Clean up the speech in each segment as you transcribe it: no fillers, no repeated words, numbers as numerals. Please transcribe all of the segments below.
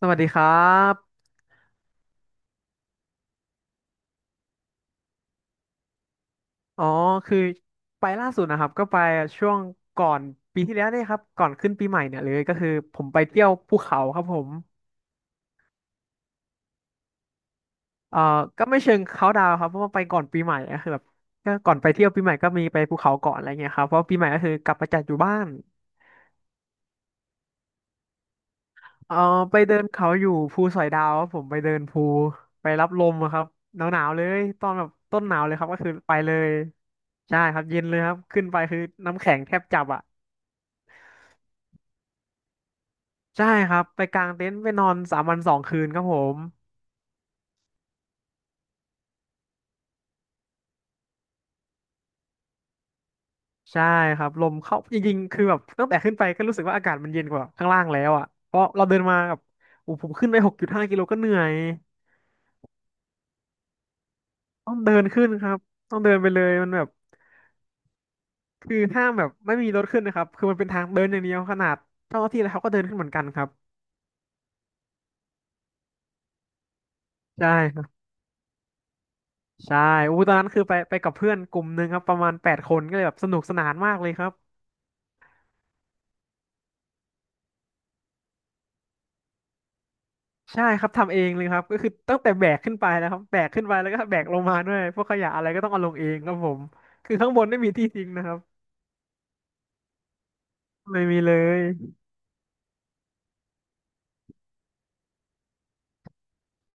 สวัสดีครับอ๋อคือไปล่าสุดนะครับก็ไปช่วงก่อนปีที่แล้วเนี่ยครับ ก่อนขึ้นปีใหม่เนี่ยเลยก็คือผมไปเที่ยวภูเขาครับผมเอ่อก็ไม่เชิงเขาดาวครับเพราะว่าไปก่อนปีใหม่ก็คือแบบก็ก่อนไปเที่ยวปีใหม่ก็มีไปภูเขาก่อนอะไรเงี้ยครับเพราะปีใหม่ก็คือกลับมาจัดอยู่บ้าน เอ่อไปเดินเขาอยู่ภูสอยดาวครับผมไปเดินภูไปรับลมอะครับหนาวๆเลยตอนแบบต้นหนาวเลยครับก็คือไปเลยใช่ครับเย็นเลยครับขึ้นไปคือน้ำแข็งแทบจับอะ ใช่ครับไปกางเต็นท์ไปนอนสามวันสองคืนครับผมใช่ครับลมเข้าจริงๆคือแบบตั้งแต่ขึ้นไปก็รู้สึกว่าอากาศมันเย็นกว่าข้างล่างแล้วอ่ะเพราะเราเดินมากับโอ้ผมขึ้นไป6.5 กิโลก็เหนื่อยต้องเดินขึ้นครับต้องเดินไปเลยมันแบบคือห้ามแบบไม่มีรถขึ้นนะครับคือมันเป็นทางเดินอย่างเดียวขนาดเจ้าหน้าที่แล้วเขาก็เดินขึ้นเหมือนกันครับใช่ครับใช่อู้ตอนนั้นคือไปกับเพื่อนกลุ่มหนึ่งครับประมาณแปดคนก็เลยแบบสนุกสนานมากเลยครับ ใช่ครับทำเองเลยครับก็คือตั้งแต่แบกขึ้นไปนะครับแบกขึ้นไปแล้วก็แบกลงมาด้วยพวกขยะอะไรก็ต้องเอาลงเองครับผมคือข้างบนไม่มีที่ทิ้งนะครับไม่มีเลย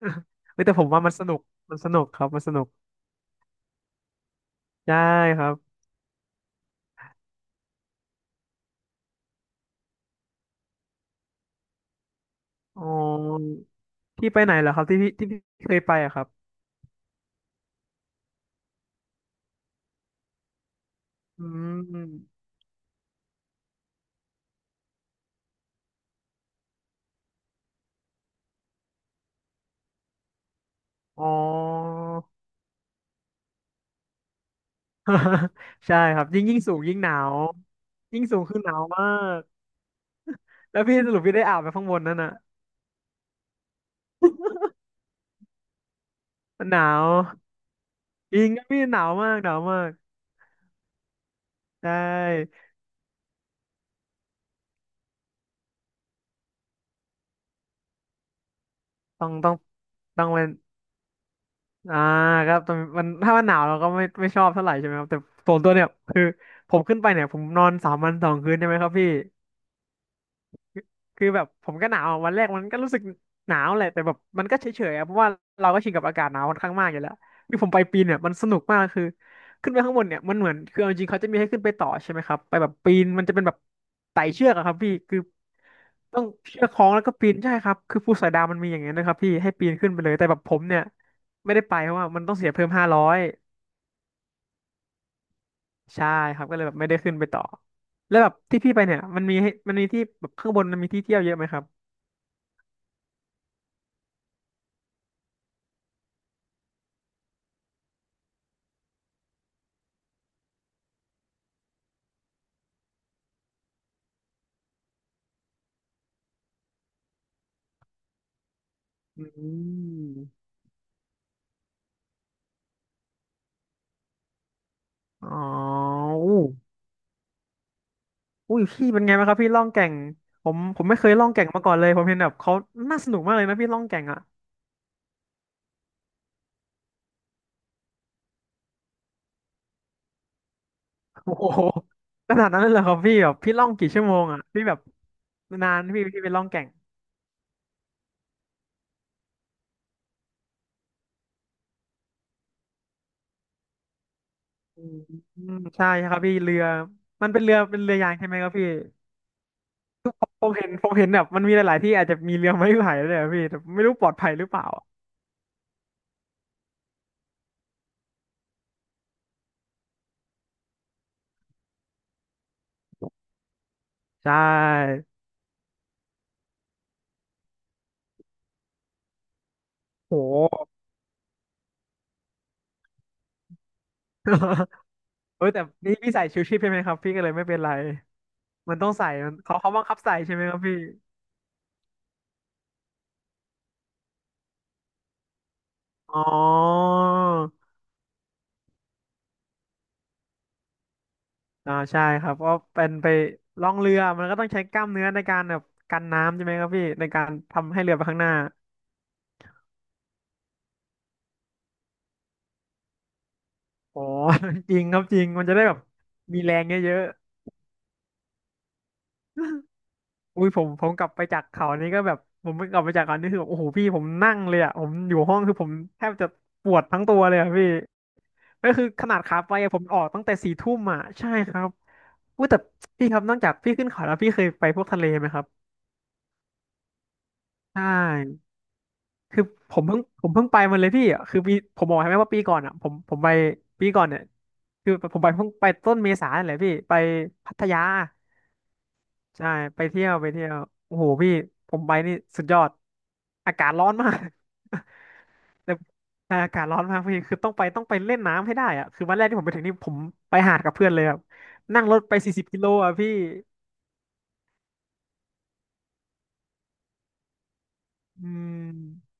เฮ้ยแต่ผมว่ามันสนุกมันสนุกครับมันสนุกใช่ครับอ๋อพี่ไปไหนเหรอครับที่พี่เคยไปอะครับอืมอ๋อ ใช่ครับยิ่งสูงยิ่งหนาวยิ่งสูงคือหนาวมากแล้วพี่สรุปพี่ได้อาบไปข้างบนนั่นน่ะมันหนาวจริงครับพี่หนาวมากหนาวมากใช่ ต้องต้องต้องเป็นอ่าครับต้องมันถ้ามันหนาวเราก็ไม่ชอบเท่าไหร่ใช่ไหมครับแต่ส่วนตัวเนี่ยคือผมขึ้นไปเนี่ยผมนอนสามวันสองคืนใช่ไหมครับพี่ คือแบบผมก็หนาวอะวันแรกมันก็รู้สึกหนาวแหละแต่แบบมันก็เฉยๆอะเพราะว่าเราก็ชินกับอากาศหนาวค่อนข้างมากอยู่แล้วคือผมไปปีนเนี่ยมันสนุกมากคือขึ้นไปข้างบนเนี่ยมันเหมือนคือเอาจริงๆเขาจะมีให้ขึ้นไปต่อใช่ไหมครับไปแบบปีนมันจะเป็นแบบไต่เชือกอะครับพี่คือต้องเชือกคล้องแล้วก็ปีนใช่ครับคือภูสอยดาวมันมีอย่างเงี้ยนะครับพี่ให้ปีนขึ้นไปเลยแต่แบบผมเนี่ยไม่ได้ไปเพราะว่ามันต้องเสียเพิ่ม500ใช่ครับก็เลยแบบไม่ได้ขึ้นไปต่อแล้วแบบที่พี่ไปเนี่ยมันมีให้มันมีที่แบบข้างบนมันมีที่เที่ยวเยอะไหมครับอืม อ๋ออู้อุ้ยพี่เป็นไงบ้างครับพี่ล่องแก่งผมไม่เคยล่องแก่งมาก่อนเลยผมเห็นแบบเขาน่าสนุกมากเลยนะพี่ล่องแก่งอ่ะโอ้โหขนาดนั้นเลยเหรอครับพี่แบบพี่ล่องกี่ชั่วโมงอ่ะพี่แบบนานพี่ไปล่องแก่งอืมอใช่ครับพี่เรือมันเป็นเรือเป็นเรือยางใช่ไหมครับพี่ผมเห็นแบบมันมีหลายๆที่อาจจะมีเรือไม้ไผ่ด้วยอะพี่แต่ไม่รู้ปลอดภัยหรือเปล่าอะใช่โห เออแต่นี่พี่ใส่ชูชีพใช่ไหมครับพี่ก็เลยไม่เป็นไร มันต้องใส่มันเขาเขาบังคับใส่ใช่ไหมครับพี่ อ๋ออ่าใช่ครับเพราะเป็นไปล่องเรือมันก็ต้องใช้กล้ามเนื้อในการแบบกันน้ำใช่ไหมครับพี่ในการทำให้เรือไปข้างหน้าอ๋อ จริงครับจริงมันจะได้แบบมีแรงเยอะ อุ้ยผมกลับไปจากเขานี่ก็แบบผมกลับไปจากเขานี่คือแบบโอ้โหพี่ผมนั่งเลยอ่ะผมอยู่ห้องคือผมแทบจะปวดทั้งตัวเลยอ่ะพี่ก็คือขนาดขาไปอะผมออกตั้งแต่4 ทุ่มอ่ะใช่ครับอุ้ยแต่พี่ครับนอกจากพี่ขึ้นเขาแล้วพี่เคยไปพวกทะเลไหมครับใช่คือผมเพิ่งไปมาเลยพี่อะคือปีผมบอกให้ไหมว่าปีก่อนอ่ะผมไปปีก่อนเนี่ยคือผมไปเพิ่งไปต้นเมษาเนี่ยแหละพี่ไปพัทยา ใช่ไปเที่ยวไปเที่ยวโอ้โหพี่ผมไปนี่สุดยอดอากาศร้อนมาก แต่ใช่อากาศร้อนมากพี่คือต้องไปเล่นน้ำให้ได้อะคือวันแรกที่ผมไปถึงนี่ผมไปหาดกับเพื่อนเลยครับนั่งรถไป40 กิโลอ่ะพี่อืม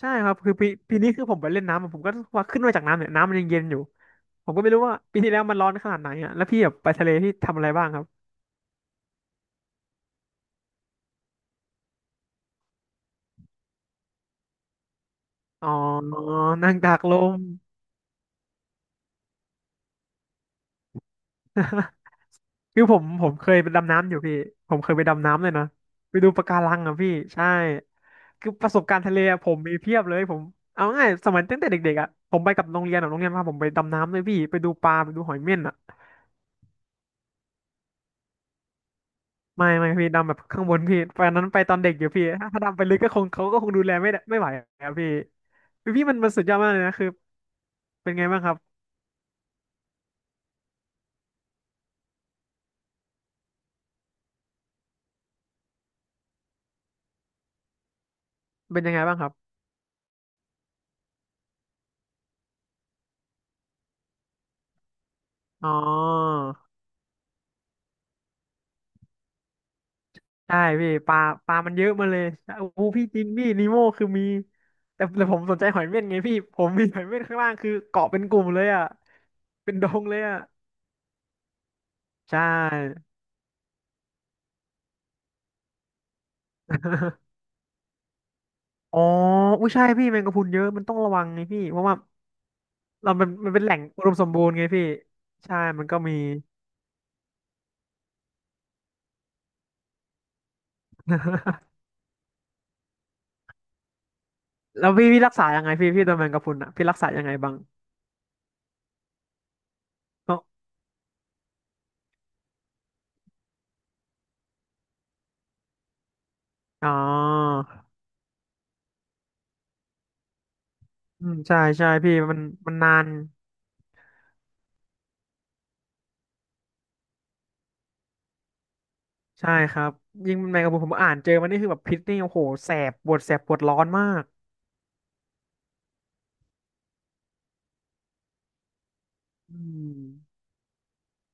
ใช่ครับคือปีนี้คือผมไปเล่นน้ำอะผมก็ว่าขึ้นมาจากน้ำเนี่ยน้ำมันยังเย็นอยู่ผมก็ไม่รู้ว่าปีที่แล้วมันร้อนขนาดไหนอ่ะแล้วพี่แบบไปทะเลพี่ทำอะไรบ้างครับอ๋อนั่งตากลม คือผมเคยไปดำน้ำอยู่พี่ผมเคยไปดำน้ำเลยนะไปดูปะการังอ่ะพี่ใช่คือประสบการณ์ทะเลอะผมมีเพียบเลยผมเอาง่ายสมัยตั้งแต่เด็กๆอ่ะผมไปกับโรงเรียนอ่ะโรงเรียนพาผมไปดำน้ำเลยพี่ไปดูปลาไปดูหอยเม่นอ่ะไม่พี่ดำแบบข้างบนพี่ตอนนั้นไปตอนเด็กอยู่พี่ถ้าดำไปลึกก็คงเขาก็คงดูแลไม่ได้ไม่ไหวอ่ะพี่มันสุดยอดมากเลยนะคือเป็นไงบ้างครับเป็นยังไงบ้างครับอ๋อ ใช่พี่ปลามันเยอะมาเลยโอ้โหพี่จินพี่นีโม่คือมีแต่ผมสนใจหอยเม่นไงพี่ผมมีหอยเม่นข้างล่างคือเกาะเป็นกลุ่มเลยอ่ะเป็นดงเลยอ่ะใช่ อ๋ออุ้ยใช่พี่แมงกะพรุนเยอะมันต้องระวังไงพี่เพราะว่าเรามันเป็นแหล่งอุดมสมบูรณ์ไงพี่ใช่มันก็มี แล้วพี่รักษายังไงพี่โดนแมงกะพรุนอ่ะพี่รักษายังไงบ้างเนอะอ๋ออืมใช่ใช่พี่มันมันนาน ใช่ครับยิ่งแมงกะพรุนผมอ่านเจอมันนี่คือแบบพิษนี่โอ้โหแสบปวดแสบปวดร้อนมากอืม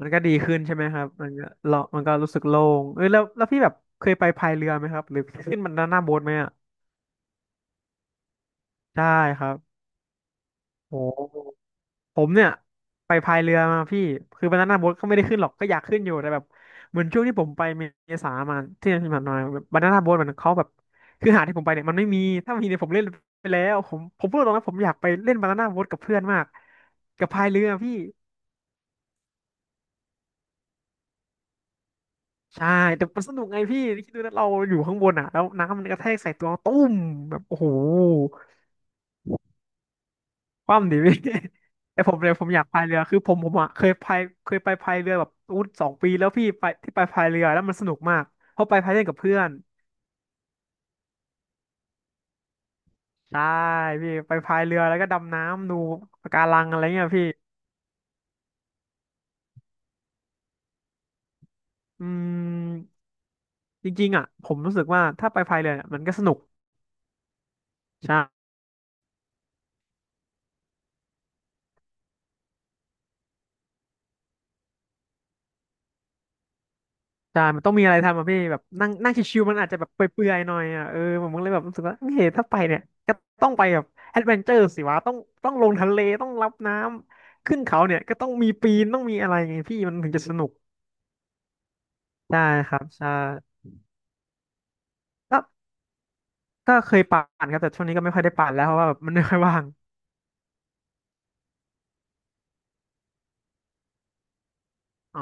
มันก็ดีขึ้นใช่ไหมครับมันก็เลาะมันก็รู้สึกโล่งเออแล้วพี่แบบเคยไปพายเรือไหมครับหรือขึ้นมันด้านหน้าโบ๊ทไหมอ่ะใช่ครับโอ้ ผมเนี่ยไปพายเรือมาพี่ คือวันนั้นนะโบ๊ทก็ไม่ได้ขึ้นหรอกก็อยากขึ้นอยู่แต่แบบเหมือนช่วงที่ผมไปเมษามาที่ผ่านมาแบบบานาน่าโบ๊ทมันเขาแบบคือหาดที่ผมไปเนี่ยมันไม่มีถ้ามีเนี่ยผมเล่นไปแล้วผมพูดตรงนะผมอยากไปเล่นบานาน่าโบ๊ทกับเพื่อนมากกับพายเรือพี่ใช่แต่มันสนุกไงพี่คิดดูนะเราอยู่ข้างบนอ่ะแล้วน้ำมันกระแทกใส่ตัวตุ้มแบบโอ้โห คว่ำดิพี่ แต่ผมเนี่ยผมอยากพายเรือคือผมอ่ะเคยพายเคยไปพายเรือแบบอู้2 ปีแล้วพี่ไปที่ไปพายเรือแล้วมันสนุกมากเพราะไปพายเล่นกับเพื่อนใช่พี่ไปพายเรือแล้วก็ดำน้ำดูปะการังอะไรเงี้ยพี่อืมจริงๆอ่ะผมรู้สึกว่าถ้าไปพายเรือเนี่ยมันก็สนุกใช่ ใช่มันต้องมีอะไรทำอ่ะพี่แบบนั่งนั่งชิวๆมันอาจจะแบบเปื่อยๆหน่อยอ่ะเออผมก็เลยแบบรู้สึกว่าเฮ้ยถ้าไปเนี่ยก็ต้องไปแบบแอดเวนเจอร์สิวะต้องลงทะเลต้องรับน้ำขึ้นเขาเนี่ยก็ต้องมีปีนต้องมีอะไรไงพี่มันถึงจะสนุกใช่ครับใช่ก็ก็เคยปั่นครับแต่ช่วงนี้ก็ไม่ค่อยได้ปั่นแล้วเพราะว่าแบบมันไม่ค่อยว่างอ๋อ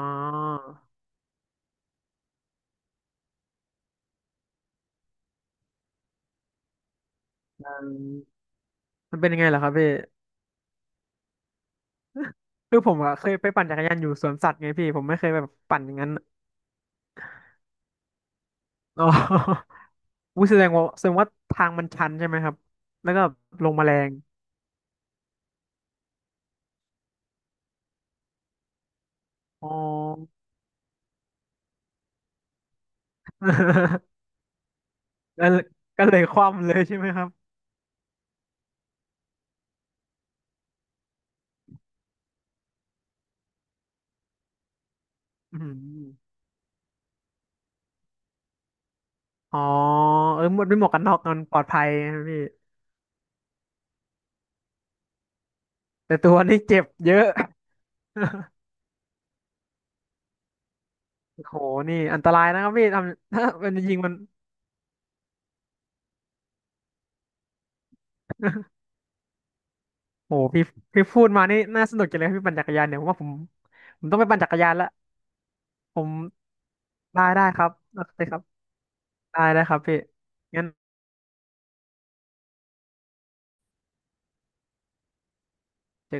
มันเป็นยังไงเหรอครับพี่คือผมอะเคยไปปั่นจักรยานอยู่สวนสัตว์ไงพี่ผมไม่เคยแบบปั่นอย่างนั้นอ๋อ อุ้ยแสดงว่าแสดงว่าทางมันชันใช่ไหมครับแล้วก็ลงมาแรงอ๋อ แล้วก็เลยคว่ำเลยใช่ไหมครับอืมอ๋อเออหมดไม่หมวกกันน็อกมันปลอดภัยนะพี่แต่ตัวนี่เจ็บเยอะ โหนี่อันตรายนะครับพี่ทำ ถ้ามันยิงมัน โหพี่พี่พูดมานี่น่าสนุกจังเลยครับพี่ปั่นจักรยานเดี๋ยวผมว่าผมผมต้องไปปั่นจักรยานละผมได้ได้ครับโอเคครับได้ได้ครับพี่งั้นเจอ